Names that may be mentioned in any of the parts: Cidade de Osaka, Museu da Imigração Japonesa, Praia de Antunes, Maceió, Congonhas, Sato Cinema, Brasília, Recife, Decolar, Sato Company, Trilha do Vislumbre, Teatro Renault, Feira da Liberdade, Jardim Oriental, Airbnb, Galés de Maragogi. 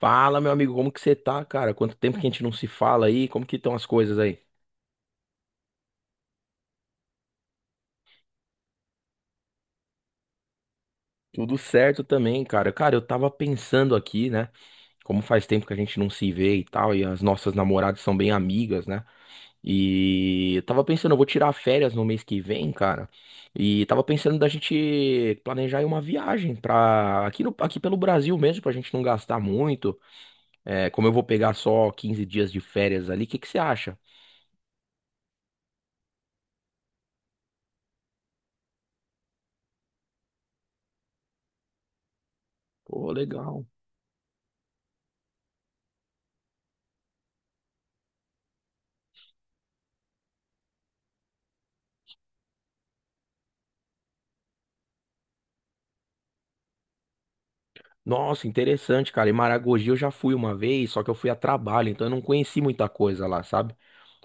Fala, meu amigo, como que você tá, cara? Quanto tempo que a gente não se fala aí? Como que estão as coisas aí? Tudo certo também, cara. Cara, eu tava pensando aqui, né? Como faz tempo que a gente não se vê e tal, e as nossas namoradas são bem amigas, né? E eu tava pensando, eu vou tirar férias no mês que vem, cara. E tava pensando da gente planejar aí uma viagem pra aqui, no, aqui pelo Brasil mesmo, pra gente não gastar muito. É, como eu vou pegar só 15 dias de férias ali, o que que você acha? Pô, legal. Nossa, interessante, cara. E Maragogi eu já fui uma vez, só que eu fui a trabalho, então eu não conheci muita coisa lá, sabe?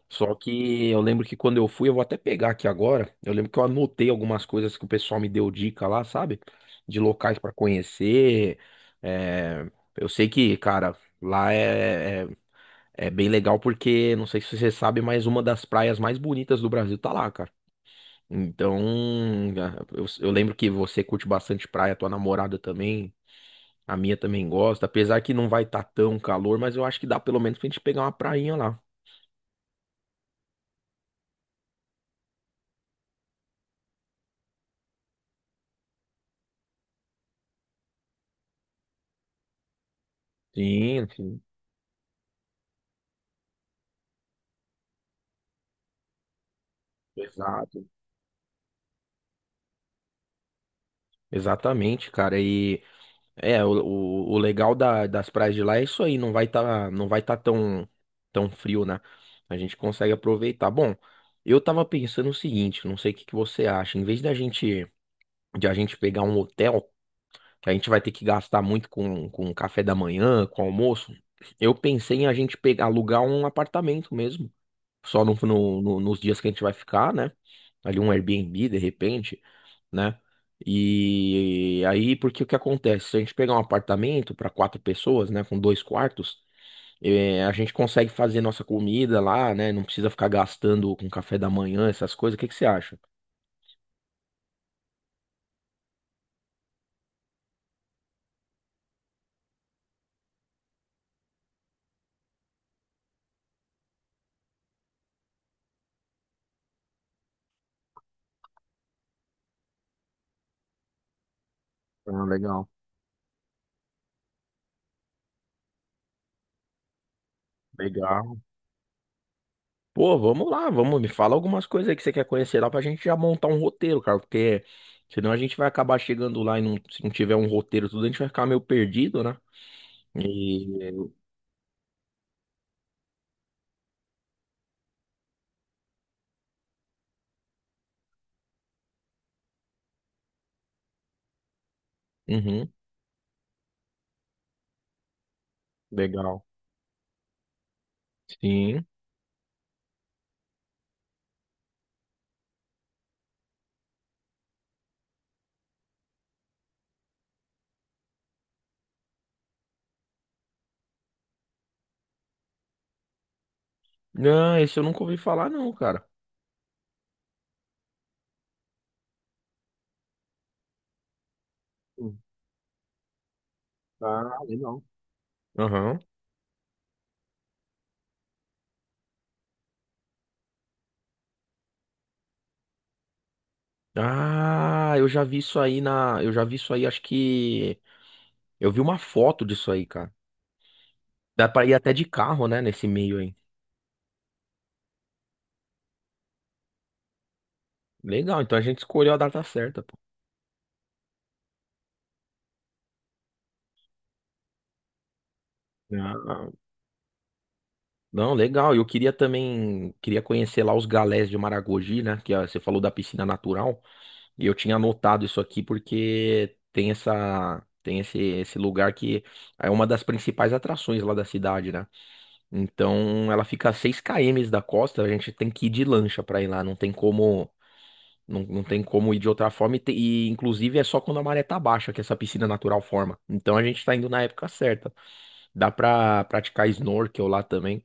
Só que eu lembro que quando eu fui, eu vou até pegar aqui agora. Eu lembro que eu anotei algumas coisas que o pessoal me deu dica lá, sabe? De locais pra conhecer. É, eu sei que, cara, lá é bem legal porque, não sei se você sabe, mas uma das praias mais bonitas do Brasil tá lá, cara. Então, eu lembro que você curte bastante praia, tua namorada também. A minha também gosta, apesar que não vai estar tão calor, mas eu acho que dá pelo menos pra gente pegar uma prainha lá. Sim, sim. Exato. Exatamente, cara. E o legal das praias de lá é isso aí, não vai tá tão tão frio, né? A gente consegue aproveitar. Bom, eu tava pensando o seguinte, não sei o que que você acha, em vez da gente de a gente pegar um hotel, que a gente vai ter que gastar muito com café da manhã, com almoço, eu pensei em a gente pegar alugar um apartamento mesmo. Só nos dias que a gente vai ficar, né? Ali um Airbnb, de repente, né? E aí, porque o que acontece? Se a gente pegar um apartamento para quatro pessoas, né? Com dois quartos, a gente consegue fazer nossa comida lá, né? Não precisa ficar gastando com café da manhã, essas coisas. O que que você acha? Ah, legal. Legal. Pô, vamos lá, vamos, me fala algumas coisas aí que você quer conhecer lá pra gente já montar um roteiro, cara, porque senão a gente vai acabar chegando lá e se não tiver um roteiro tudo, a gente vai ficar meio perdido, né? Uhum, legal. Sim. Não, esse eu nunca ouvi falar, não, cara. Hum. Ah, legal. Aham. Ah, eu já vi isso aí na. Eu já vi isso aí, acho que. Eu vi uma foto disso aí, cara. Dá pra ir até de carro, né, nesse meio aí. Legal, então a gente escolheu a data certa, pô. Ah, não, legal. Eu queria também. Queria conhecer lá os galés de Maragogi, né? Que você falou da piscina natural. E eu tinha anotado isso aqui porque tem esse lugar que é uma das principais atrações lá da cidade, né? Então ela fica a 6 km da costa, a gente tem que ir de lancha pra ir lá, não tem como ir de outra forma e, inclusive é só quando a maré tá baixa que essa piscina natural forma. Então a gente tá indo na época certa. Dá pra praticar snorkel lá também.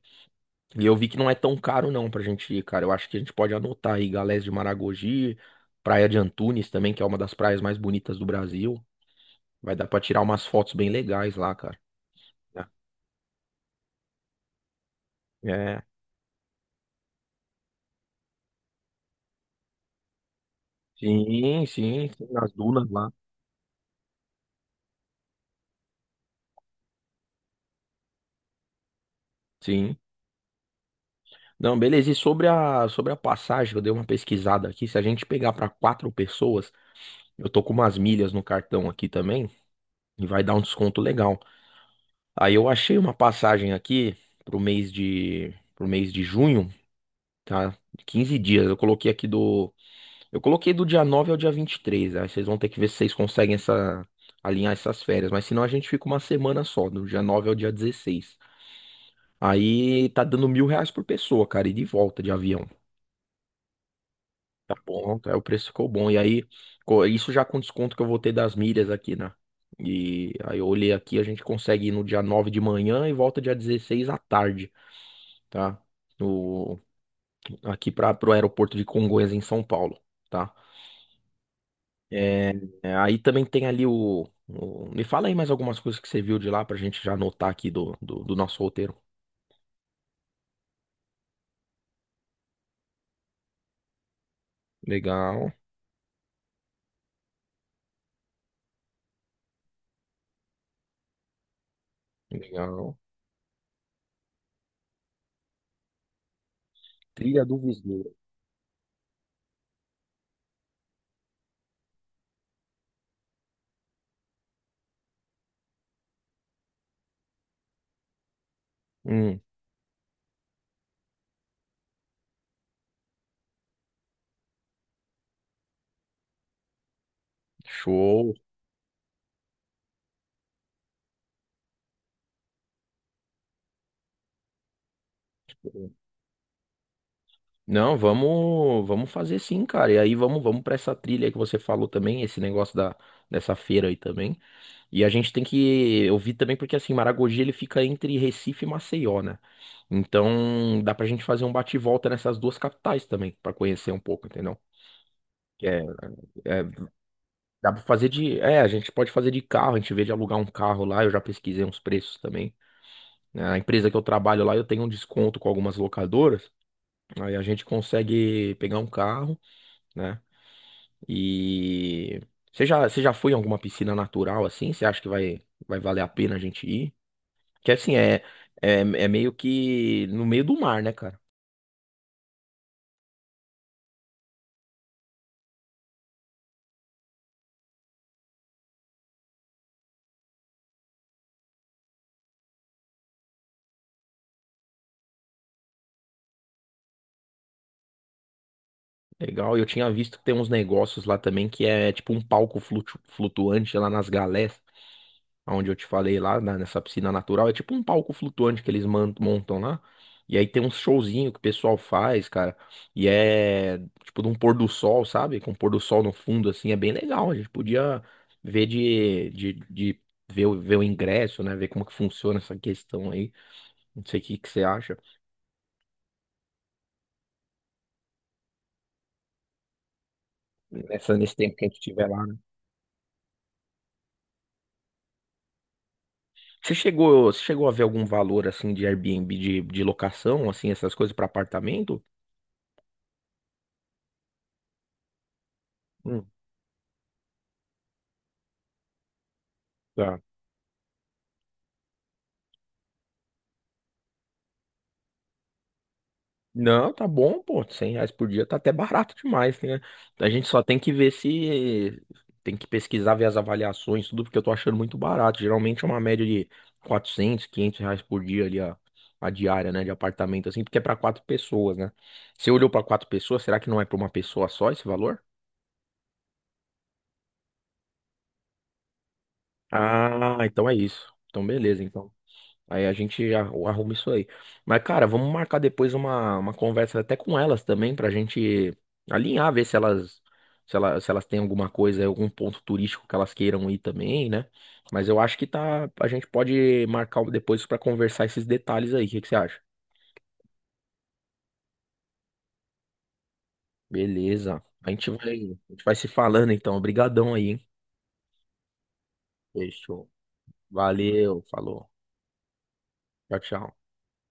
E eu vi que não é tão caro não pra gente ir, cara. Eu acho que a gente pode anotar aí Galés de Maragogi, Praia de Antunes também, que é uma das praias mais bonitas do Brasil. Vai dar pra tirar umas fotos bem legais lá, cara. É. Sim, sim, sim, nas dunas lá. Sim. Não, beleza. E sobre a passagem, eu dei uma pesquisada aqui. Se a gente pegar para quatro pessoas, eu tô com umas milhas no cartão aqui também e vai dar um desconto legal. Aí eu achei uma passagem aqui pro mês de junho. Tá, 15 dias. Eu coloquei aqui do. Eu coloquei do dia 9 ao dia 23. Aí vocês vão ter que ver se vocês conseguem alinhar essas férias. Mas senão a gente fica uma semana só, do dia 9 ao dia 16. Aí tá dando 1.000 reais por pessoa, cara, e de volta de avião. Tá bom, tá? O preço ficou bom. E aí, isso já com desconto que eu vou ter das milhas aqui, né? E aí eu olhei aqui, a gente consegue ir no dia 9 de manhã e volta dia 16 à tarde, tá? No... Aqui para pro aeroporto de Congonhas, em São Paulo. Tá. É, aí também tem ali o- Me fala aí mais algumas coisas que você viu de lá pra gente já anotar aqui do nosso roteiro. Legal, legal. Trilha do Vislumbre. Hum, show. Não, vamos fazer sim, cara. E aí vamos para essa trilha aí que você falou também, esse negócio da dessa feira aí também. E a gente tem que eu vi também porque assim, Maragogi ele fica entre Recife e Maceió, né? Então, dá pra gente fazer um bate e volta nessas duas capitais também, pra conhecer um pouco, entendeu? É, é Dá pra fazer de. É, a gente pode fazer de carro, a gente vê de alugar um carro lá, eu já pesquisei uns preços também. Né? A empresa que eu trabalho lá, eu tenho um desconto com algumas locadoras, aí a gente consegue pegar um carro, né? E. você já foi em alguma piscina natural assim? Você acha que vai valer a pena a gente ir? Que assim, é meio que no meio do mar, né, cara? Legal, eu tinha visto que tem uns negócios lá também que é tipo um palco flutuante lá nas galés. Onde eu te falei lá, nessa piscina natural, é tipo um palco flutuante que eles montam lá. E aí tem um showzinho que o pessoal faz, cara. E é tipo de um pôr do sol, sabe? Com um pôr do sol no fundo, assim, é bem legal. A gente podia ver de ver, o- ver o ingresso, né? Ver como que funciona essa questão aí. Não sei o que que você acha. Nesse tempo que a gente tiver lá, né? Você chegou a ver algum valor assim de Airbnb de locação, assim, essas coisas para apartamento? Hum. Tá. Não, tá bom, pô. 100 reais por dia tá até barato demais, né? A gente só tem que ver se. Tem que pesquisar, ver as avaliações, tudo, porque eu tô achando muito barato. Geralmente é uma média de 400, 500 reais por dia ali, a diária, né? De apartamento, assim, porque é pra quatro pessoas, né? Você olhou pra quatro pessoas, será que não é pra uma pessoa só esse valor? Ah, então é isso. Então, beleza. Então. Aí a gente já arruma isso aí. Mas, cara, vamos marcar depois uma conversa até com elas também, pra gente alinhar, ver se elas têm alguma coisa, algum ponto turístico que elas queiram ir também, né? Mas eu acho que tá, a gente pode marcar depois pra conversar esses detalhes aí. O que que você acha? Beleza. A gente vai se falando então. Obrigadão aí, hein? Fechou. Valeu, falou. Tchau, tchau.